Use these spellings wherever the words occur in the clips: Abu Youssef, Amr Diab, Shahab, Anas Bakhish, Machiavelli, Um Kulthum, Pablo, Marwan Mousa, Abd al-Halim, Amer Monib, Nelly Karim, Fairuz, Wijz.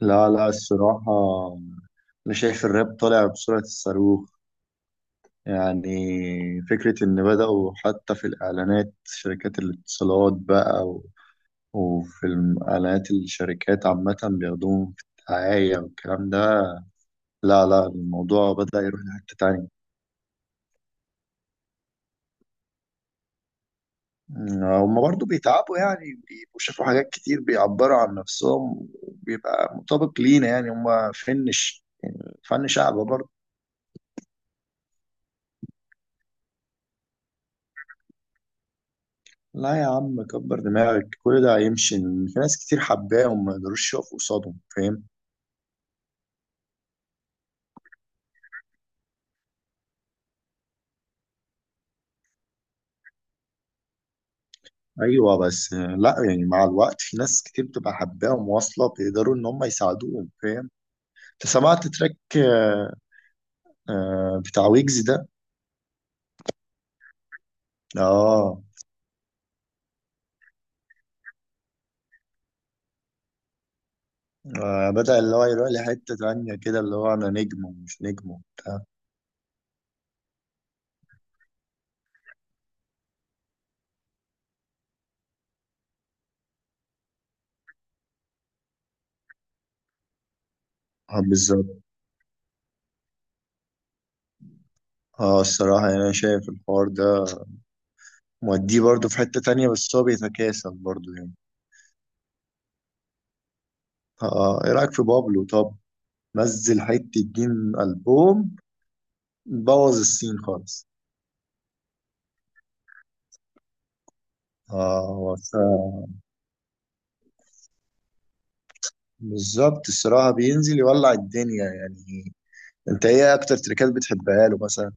لا لا، الصراحة أنا شايف الراب طالع بسرعة الصاروخ. يعني فكرة إن بدأوا حتى في الإعلانات شركات الاتصالات بقى و... وفي إعلانات الشركات عامة بياخدوهم في الدعاية والكلام ده. لا لا، الموضوع بدأ يروح لحتة تانية. هما برضه بيتعبوا، يعني بيبقوا شافوا حاجات كتير، بيعبروا عن نفسهم وبيبقى مطابق لينا، يعني هما فن شعب. لا يا عم كبر دماغك، كل ده هيمشي، إن في ناس كتير حباه وما يقدروش يقفوا قصادهم، فاهم؟ ايوه بس لا يعني مع الوقت في ناس كتير بتبقى حباه ومواصله بيقدروا ان هم يساعدوهم، فاهم؟ انت سمعت تراك بتاع ويجز ده؟ اه. بدأ اللي هو يروح لحته تانية كده، اللي هو انا نجم ومش نجم وبتاع. اه بالظبط. اه الصراحه يعني انا شايف الحوار ده موديه برضه في حته تانية، بس هو بيتكاسل برضه يعني. اه، ايه رايك في بابلو طب؟ نزل حتة جيم ألبوم، بوظ السين خالص. اه هو الصراحة- بالظبط الصراحة، بينزل يولع الدنيا يعني. انت ايه اكتر تريكات بتحبها له مثلا؟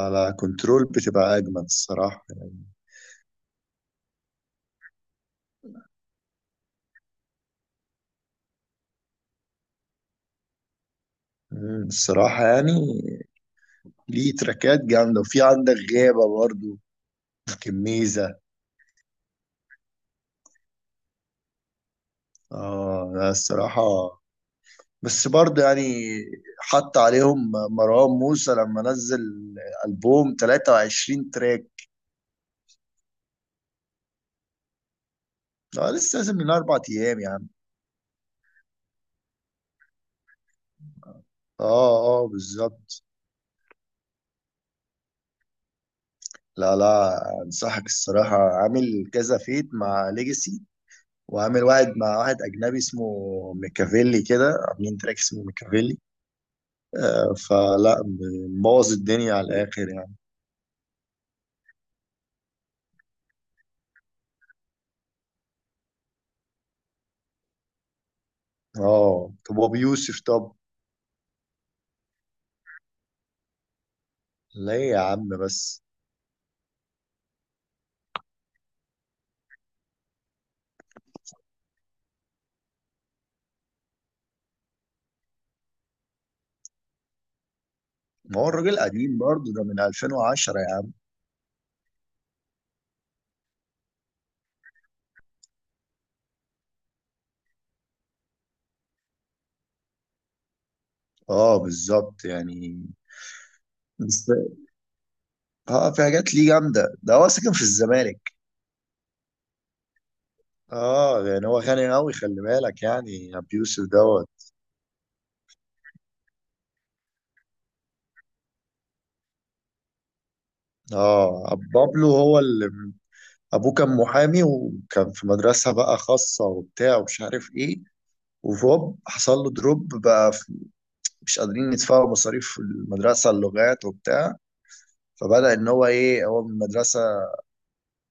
على كنترول بتبقى اجمد الصراحة. الصراحة يعني ليه تريكات جامدة، وفي عندك غابة برضو كميزة. اه لا الصراحة، بس برضه يعني حط عليهم مروان موسى لما نزل ألبوم 23 تراك. اه لسه، لازم من اربع ايام يا عم. اه. اه بالظبط. لا لا، انصحك الصراحه، عامل كذا فيت مع ليجاسي، وعامل واحد مع واحد اجنبي اسمه ميكافيلي، كده عاملين تراك اسمه ميكافيلي. فلا، مبوظ الدنيا على الاخر يعني. اه طب ابو يوسف طب؟ ليه يا عم بس؟ ما هو الراجل قديم برضه، ده من 2010 يا عم. اه بالظبط يعني. بس- اه في حاجات ليه جامده، ده هو ساكن في الزمالك. اه يعني هو غني قوي خلي بالك، يعني ابو يوسف دوت. اه أبو بابلو، هو اللي ابوه كان محامي، وكان في مدرسة بقى خاصة وبتاع ومش عارف ايه، وفوب حصل له دروب بقى مش قادرين يدفعوا مصاريف المدرسة اللغات وبتاع. فبدأ ان هو ايه، هو من مدرسة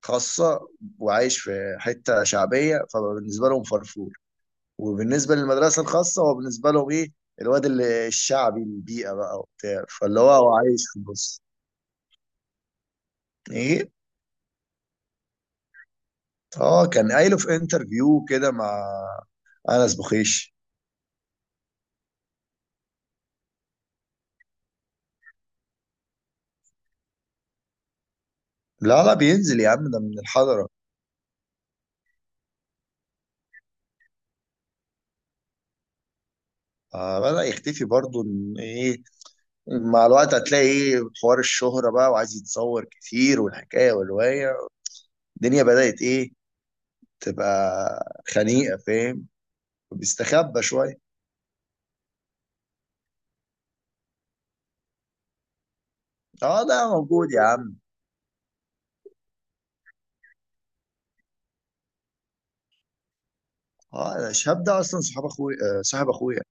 خاصة وعايش في حتة شعبية، فبالنسبة لهم فرفور، وبالنسبة للمدرسة الخاصة هو بالنسبة لهم ايه، الواد اللي الشعبي البيئة بقى وبتاع، فاللي هو هو عايش في النص. ايه؟ اه كان قايله في انترفيو كده مع انس بخيش. لا لا بينزل يا عم، ده من الحضره. آه بدأ يختفي برضه، إن ايه، مع الوقت هتلاقي ايه، حوار الشهره بقى وعايز يتصور كتير والحكايه والروايه، الدنيا بدأت ايه، تبقى خنيقه، فاهم؟ بيستخبى شويه. اه ده موجود يا عم. اه شهاب ده اصلا صاحب اخويا، آه صاحب اخويا.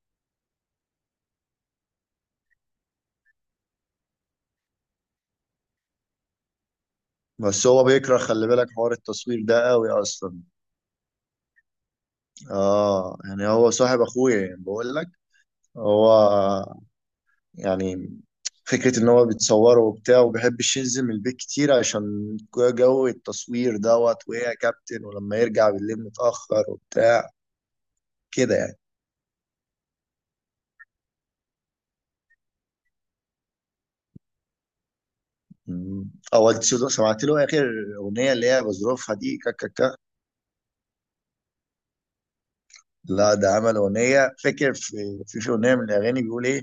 بس هو بيكره خلي بالك حوار التصوير ده قوي اصلا. اه يعني هو صاحب اخويا، يعني بقول لك، هو يعني فكرة إن هو بيتصوره وبتاع، ومبيحبش ينزل من البيت كتير عشان جو التصوير دوت وهي يا كابتن، ولما يرجع بالليل متأخر وبتاع كده يعني. مم. أو أنت سمعت له آخر أغنية اللي هي بظروفها دي كا كا كا لا ده عمل أغنية، فاكر في أغنية من الأغاني بيقول إيه،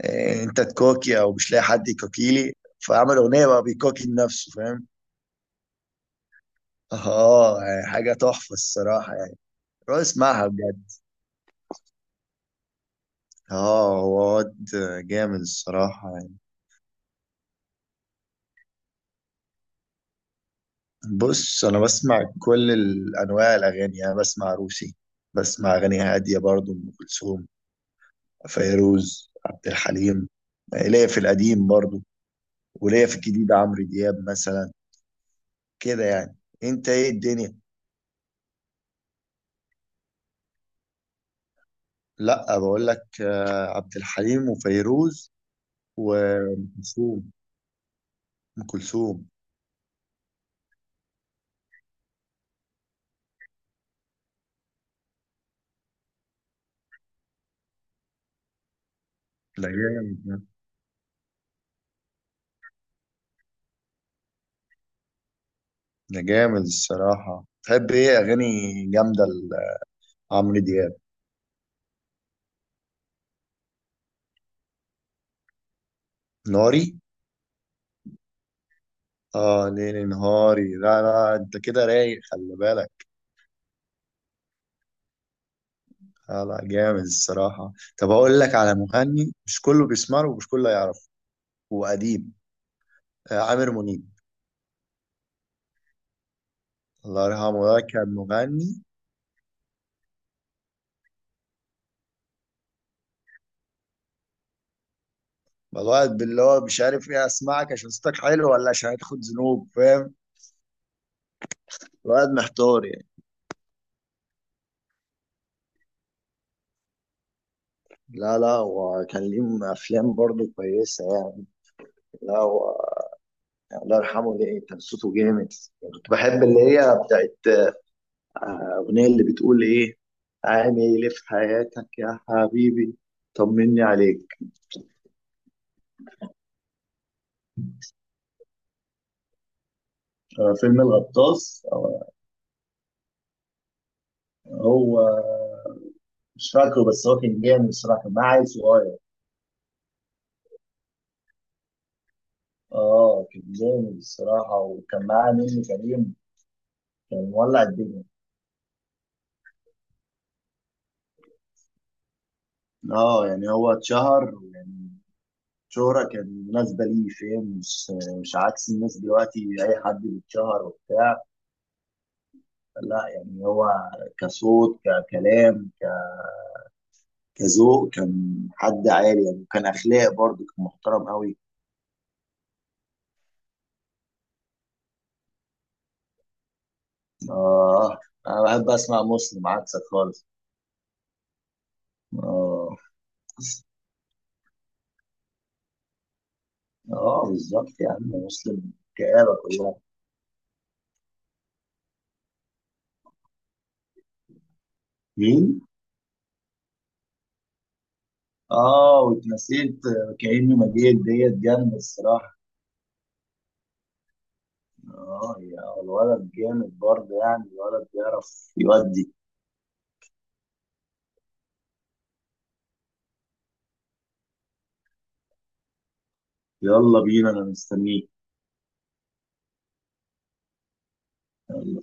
أنت تكوكي أو مش لاقي حد يكوكيلي، فعمل أغنية بقى بيكوكي لنفسه، فاهم؟ آه يعني حاجة تحفة الصراحة يعني. روح اسمعها بجد. اه هو واد جامد الصراحة يعني. بص أنا بسمع كل أنواع الأغاني، يعني بسمع روسي، بسمع أغاني هادية برضو، أم كلثوم، فيروز، عبد الحليم، ليا في القديم برضو، وليا في الجديد عمرو دياب مثلا كده يعني. أنت إيه الدنيا؟ لأ بقول لك عبد الحليم وفيروز وأم كلثوم أم كلثوم. ده جامد ده. ده جامد الصراحة. تحب إيه أغاني جامدة لعمرو دياب؟ ناري؟ اه ليلي نهاري، لا لا انت كده رايق خلي بالك. لا لا جامد الصراحة. طب هقول لك على مغني مش كله بيسمع له ومش كله يعرفه، وقديم، آه عامر منيب. الله يرحمه ده كان مغني، الواحد باللي هو مش عارف ايه، اسمعك عشان صوتك حلو ولا عشان هتاخد ذنوب، فاهم؟ الواحد محتار يعني. لا لا، وكان ليه افلام برضه كويسه يعني. لا هو يعني الله يرحمه ده كان صوته جامد. كنت بحب اللي هي بتاعت، أغنية اللي بتقول إيه، عامل إيه في حياتك يا حبيبي، طمني عليك. فيلم الغطاس، آه، هو مش فاكره، بس هو كان جامد الصراحة، كان معاه عيل صغير. اه كان جامد الصراحة، وكان معاه نيللي كريم، كان مولع الدنيا. اه يعني هو اتشهر يعني شهرة كان مناسبة ليه، فاهم؟ مش عكس الناس دلوقتي أي حد بيتشهر وبتاع. لا يعني هو كصوت، ككلام، كذوق، كان حد عالي يعني، وكان اخلاق برضه، كان محترم قوي. اه انا بحب اسمع مسلم، عكسك خالص. اه. اه بالظبط يا عم، مسلم كآبة كلها. مين؟ اه واتنسيت، كأني ما جيت ديت جنب الصراحة. اه يا الولد جامد برضه يعني، الولد بيعرف يودي. يلا بينا انا مستنيك. يلا.